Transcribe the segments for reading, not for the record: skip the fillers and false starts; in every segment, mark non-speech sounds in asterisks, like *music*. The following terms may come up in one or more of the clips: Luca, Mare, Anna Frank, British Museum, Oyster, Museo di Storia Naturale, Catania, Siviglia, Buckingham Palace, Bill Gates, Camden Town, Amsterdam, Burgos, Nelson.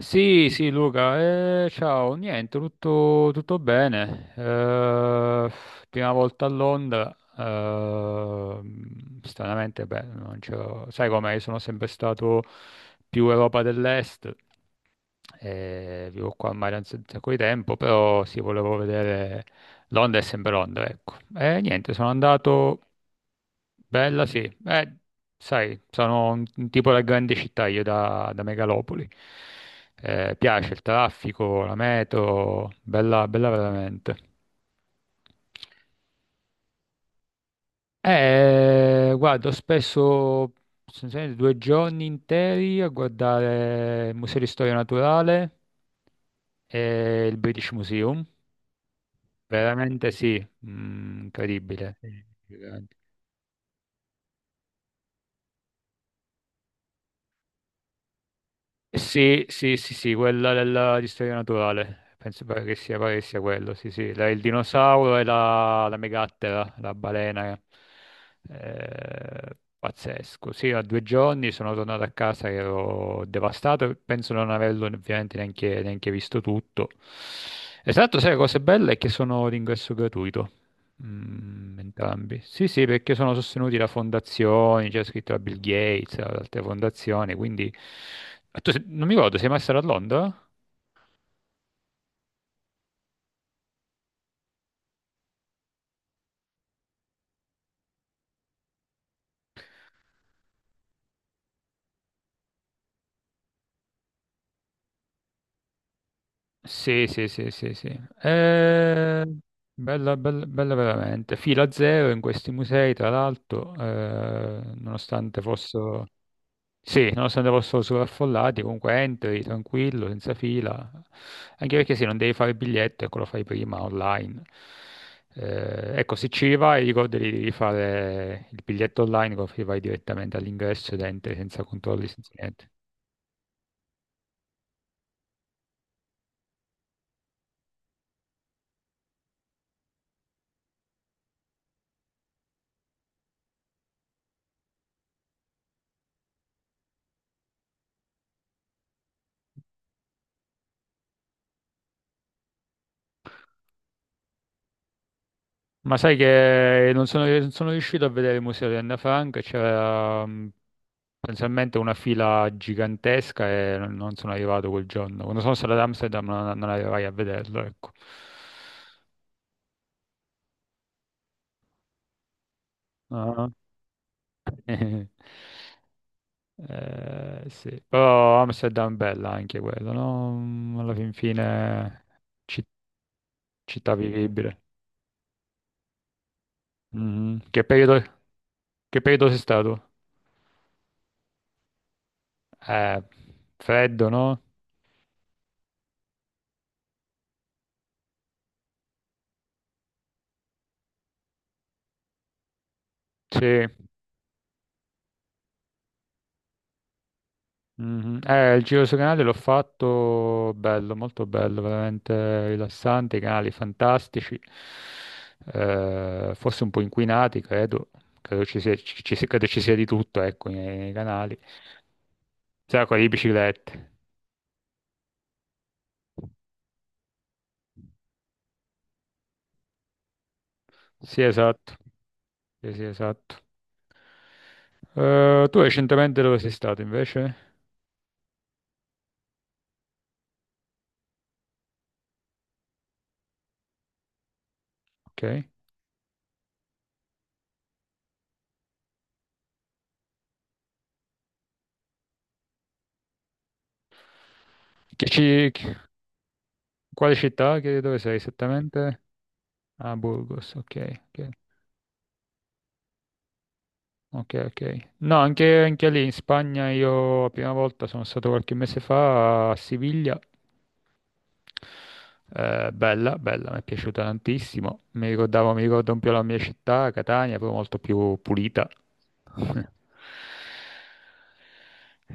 Sì, sì, Luca, ciao, niente, tutto bene. Prima volta a Londra, stranamente, beh, non c'ho- sai com'è, io sono sempre stato più Europa dell'Est. Vivo qua a Mare da un sacco di tempo, però sì, volevo vedere Londra è sempre Londra, ecco. E niente, sono andato. Bella sì. eh, Sai, sono un tipo da grande città, io da megalopoli. Piace il traffico, la metro, bella, bella veramente. Guardo spesso, sostanzialmente 2 giorni interi a guardare il Museo di Storia Naturale e il British Museum. Veramente sì, incredibile. Sì, sì, sì, sì, quella di storia naturale. Penso pare che sia quello, sì, sì. Il dinosauro e la megattera, la balena. Pazzesco. Sì, a 2 giorni sono tornato a casa che ero devastato. Penso non averlo ovviamente neanche visto tutto. Esatto, sai, la cosa bella è che sono d'ingresso gratuito. Entrambi. Sì, sì, perché sono sostenuti da fondazioni, c'è scritto da Bill Gates, da altre fondazioni, quindi... Ah, tu se- non mi ricordo, sei mai stato a Londra? Sì, sì, sì, sì, sì. Eh, Bella, bella, bella veramente. Fila zero in questi musei, tra l'altro, nonostante fossero... Sì, nonostante fossero sovraffollati, comunque entri tranquillo, senza fila. Anche perché sì, non devi fare il biglietto, ecco, lo fai prima online. Ecco, se ci vai, ricordati di fare il biglietto online, così vai direttamente all'ingresso ed entri senza controlli, senza niente. Ma sai che non sono riuscito a vedere il museo di Anna Frank, c'era potenzialmente una fila gigantesca e non sono arrivato quel giorno. Quando sono stato ad Amsterdam non arrivai a vederlo, ecco. *laughs* Sì, però Amsterdam bella anche quello, no? Alla fin fine ci- città vivibile. Mhm. Che periodo sei stato? Eh, Freddo, no? Sì. Mhm. Il giro sui canali l'ho fatto bello, molto bello, veramente rilassante, i canali fantastici, forse un po' inquinati, credo. Credo ci sia, ci- ci sia- credo ci sia di tutto, ecco, nei canali. Sai, quelli di biciclette. Sì, esatto. Sì, sì, esatto. Tu recentemente dove sei stato invece? Ok. Che ci... Quale città? Dove sei esattamente? Ah, Burgos, ok. Ok. Ok, ok. No, anche lì in Spagna io la prima volta sono stato qualche mese fa a Siviglia. Bella, bella, mi è piaciuta tantissimo. Mi ricordo un po' la mia città, Catania, però molto più pulita. *laughs*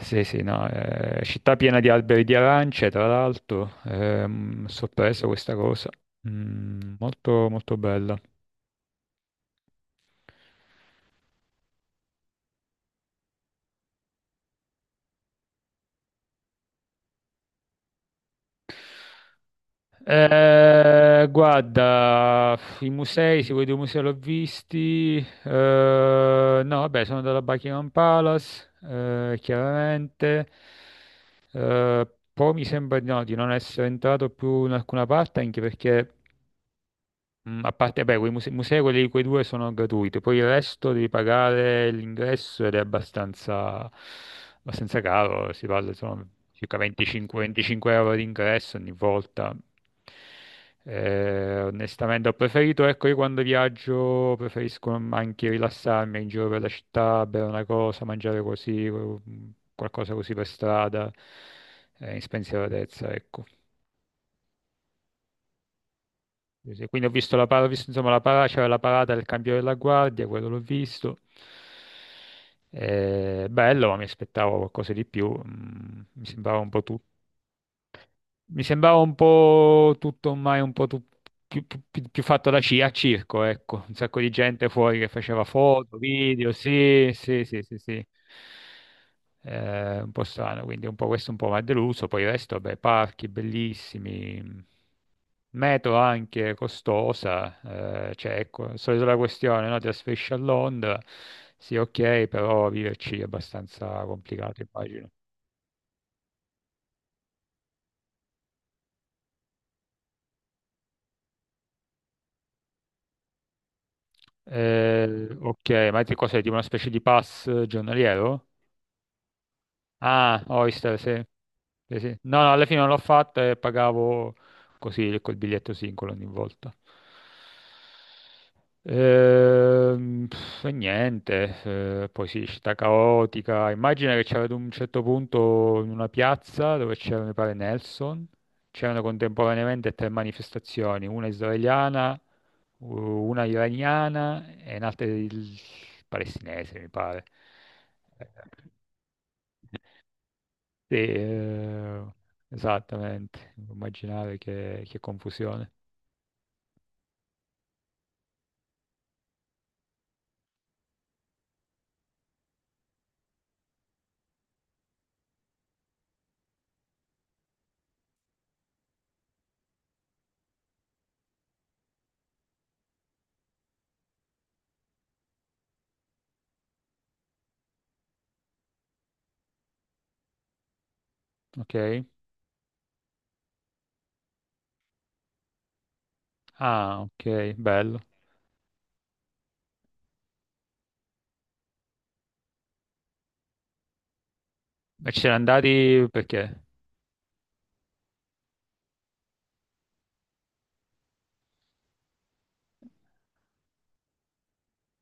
Sì, sì, no, città piena di alberi di arance, tra l'altro, sorpresa questa cosa. Molto, molto bella. Guarda, i musei, se vuoi due musei l'ho visti. No, vabbè, sono andato a Buckingham Palace, chiaramente. Poi mi sembra di no, di non essere entrato più in alcuna parte, anche perché a parte, beh, quei musei, quei due sono gratuiti, poi il resto devi pagare l'ingresso ed è abbastanza caro, si parla sono circa 25-25 euro di ingresso ogni volta. Onestamente ho preferito, ecco, io quando viaggio preferisco anche rilassarmi in giro per la città, bere una cosa, mangiare così, qualcosa così per strada, in spensieratezza, ecco. Sì, sì, quindi ho visto la parata, insomma, c'era la parata del cambio della guardia, quello l'ho visto. Bello, ma mi aspettavo qualcosa di più. Mi sembrava un po' tutto. Mi sembrava un po' tutto ormai più fatto a circo, ecco, un sacco di gente fuori che faceva foto, video, sì, sì, sì, sì, sì. Un po' strano, quindi un po' questo un po' mi ha deluso, poi il resto, beh, parchi bellissimi, metro anche costosa, cioè ecco, solito la questione, no? Trasferisci a Londra, sì ok, però viverci è abbastanza complicato, immagino. Ok, ma ti cos'è? Tipo una specie di pass giornaliero? Ah, Oyster, sì. Sì, sì. No, no, alla fine non l'ho fatto e pagavo così col biglietto singolo ogni volta. E niente, poi sì, città caotica. Immagina che c'era ad un certo punto in una piazza dove c'era, mi pare, Nelson. C'erano contemporaneamente tre manifestazioni, una israeliana, una iraniana e un'altra palestinese, mi pare. Sì, esattamente, immaginare che confusione. Ok, ah, ok, bello. Ma ci siete andati perché?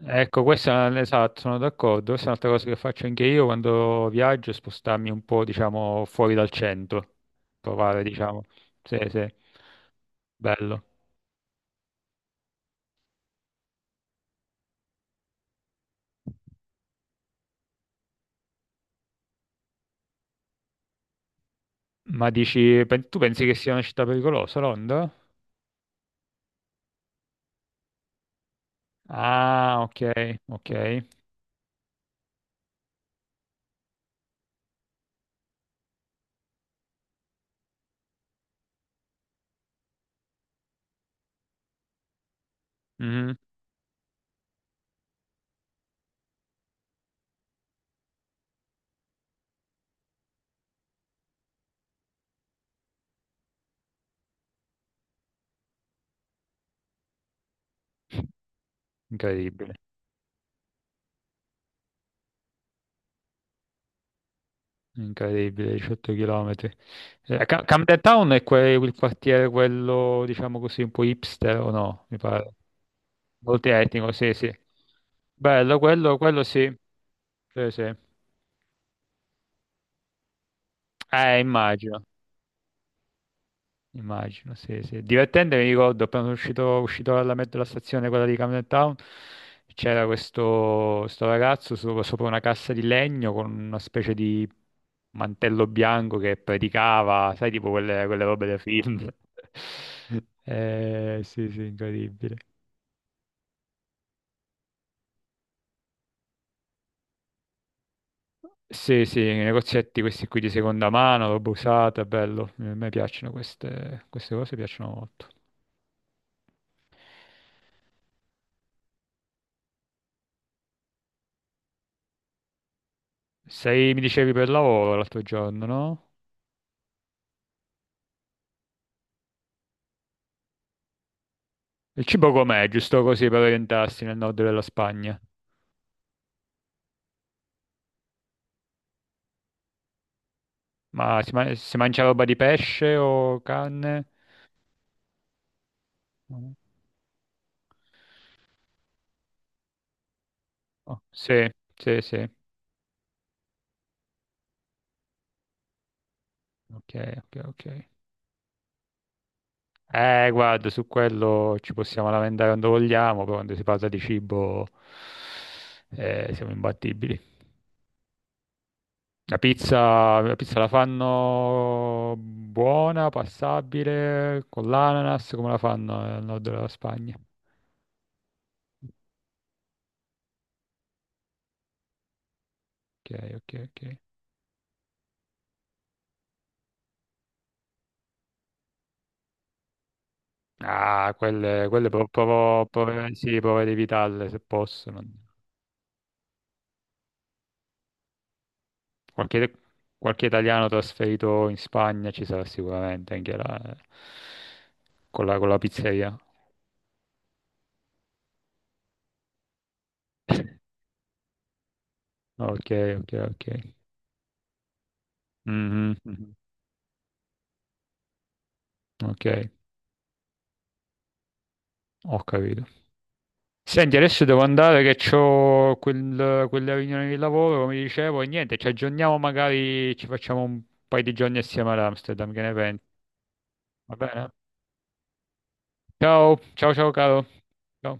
Ecco, esatto, sono d'accordo. Questa è un'altra cosa che faccio anche io quando viaggio, è spostarmi un po', diciamo, fuori dal centro, provare, diciamo. Sì, sì, bello. Tu pensi che sia una città pericolosa, Londra? Ah, ok, ok. Mhm. Incredibile. Incredibile, 18 km. Camden Town è il quartiere, quello, diciamo così, un po' hipster o no? Mi pare. Molto etnico, sì, sì. Bello, quello sì. Sì, sì. Immagino. Immagino, sì, sì. Divertente, mi ricordo, appena sono uscito dalla metro della stazione, quella di Camden Town, c'era questo, sto ragazzo sopra una cassa di legno con una specie di mantello bianco che predicava, sai, tipo quelle robe da film. *laughs* Sì, sì, incredibile. Sì, sì, i negozietti questi qui di seconda mano, roba usata, bello. A me piacciono queste cose, piacciono molto. Sei, mi dicevi, per lavoro l'altro giorno, no? Il cibo com'è? Giusto così per orientarsi nel nord della Spagna. Si mangia roba di pesce o carne? Mm. Oh, sì, sì, sì. Ok, ok, ok. Guarda, su quello ci possiamo lamentare quando vogliamo, però quando si parla di cibo siamo imbattibili. La pizza la fanno buona, passabile, con l'ananas, come la fanno nel nord della Spagna? Ok, ok, ok. Ah, quelle sì, provo ad evitarle se posso. Qualche, Qualche italiano trasferito in Spagna ci sarà sicuramente anche là, con con la pizzeria. *laughs* Ok, ok, ok. Mhm, mhm. Ok, ho capito. Senti, adesso devo andare che ho quella riunione di lavoro, come dicevo, e niente, ci aggiorniamo magari, ci facciamo un paio di giorni assieme ad Amsterdam, che ne pensi? Va bene? Ciao, ciao, ciao caro. Ciao.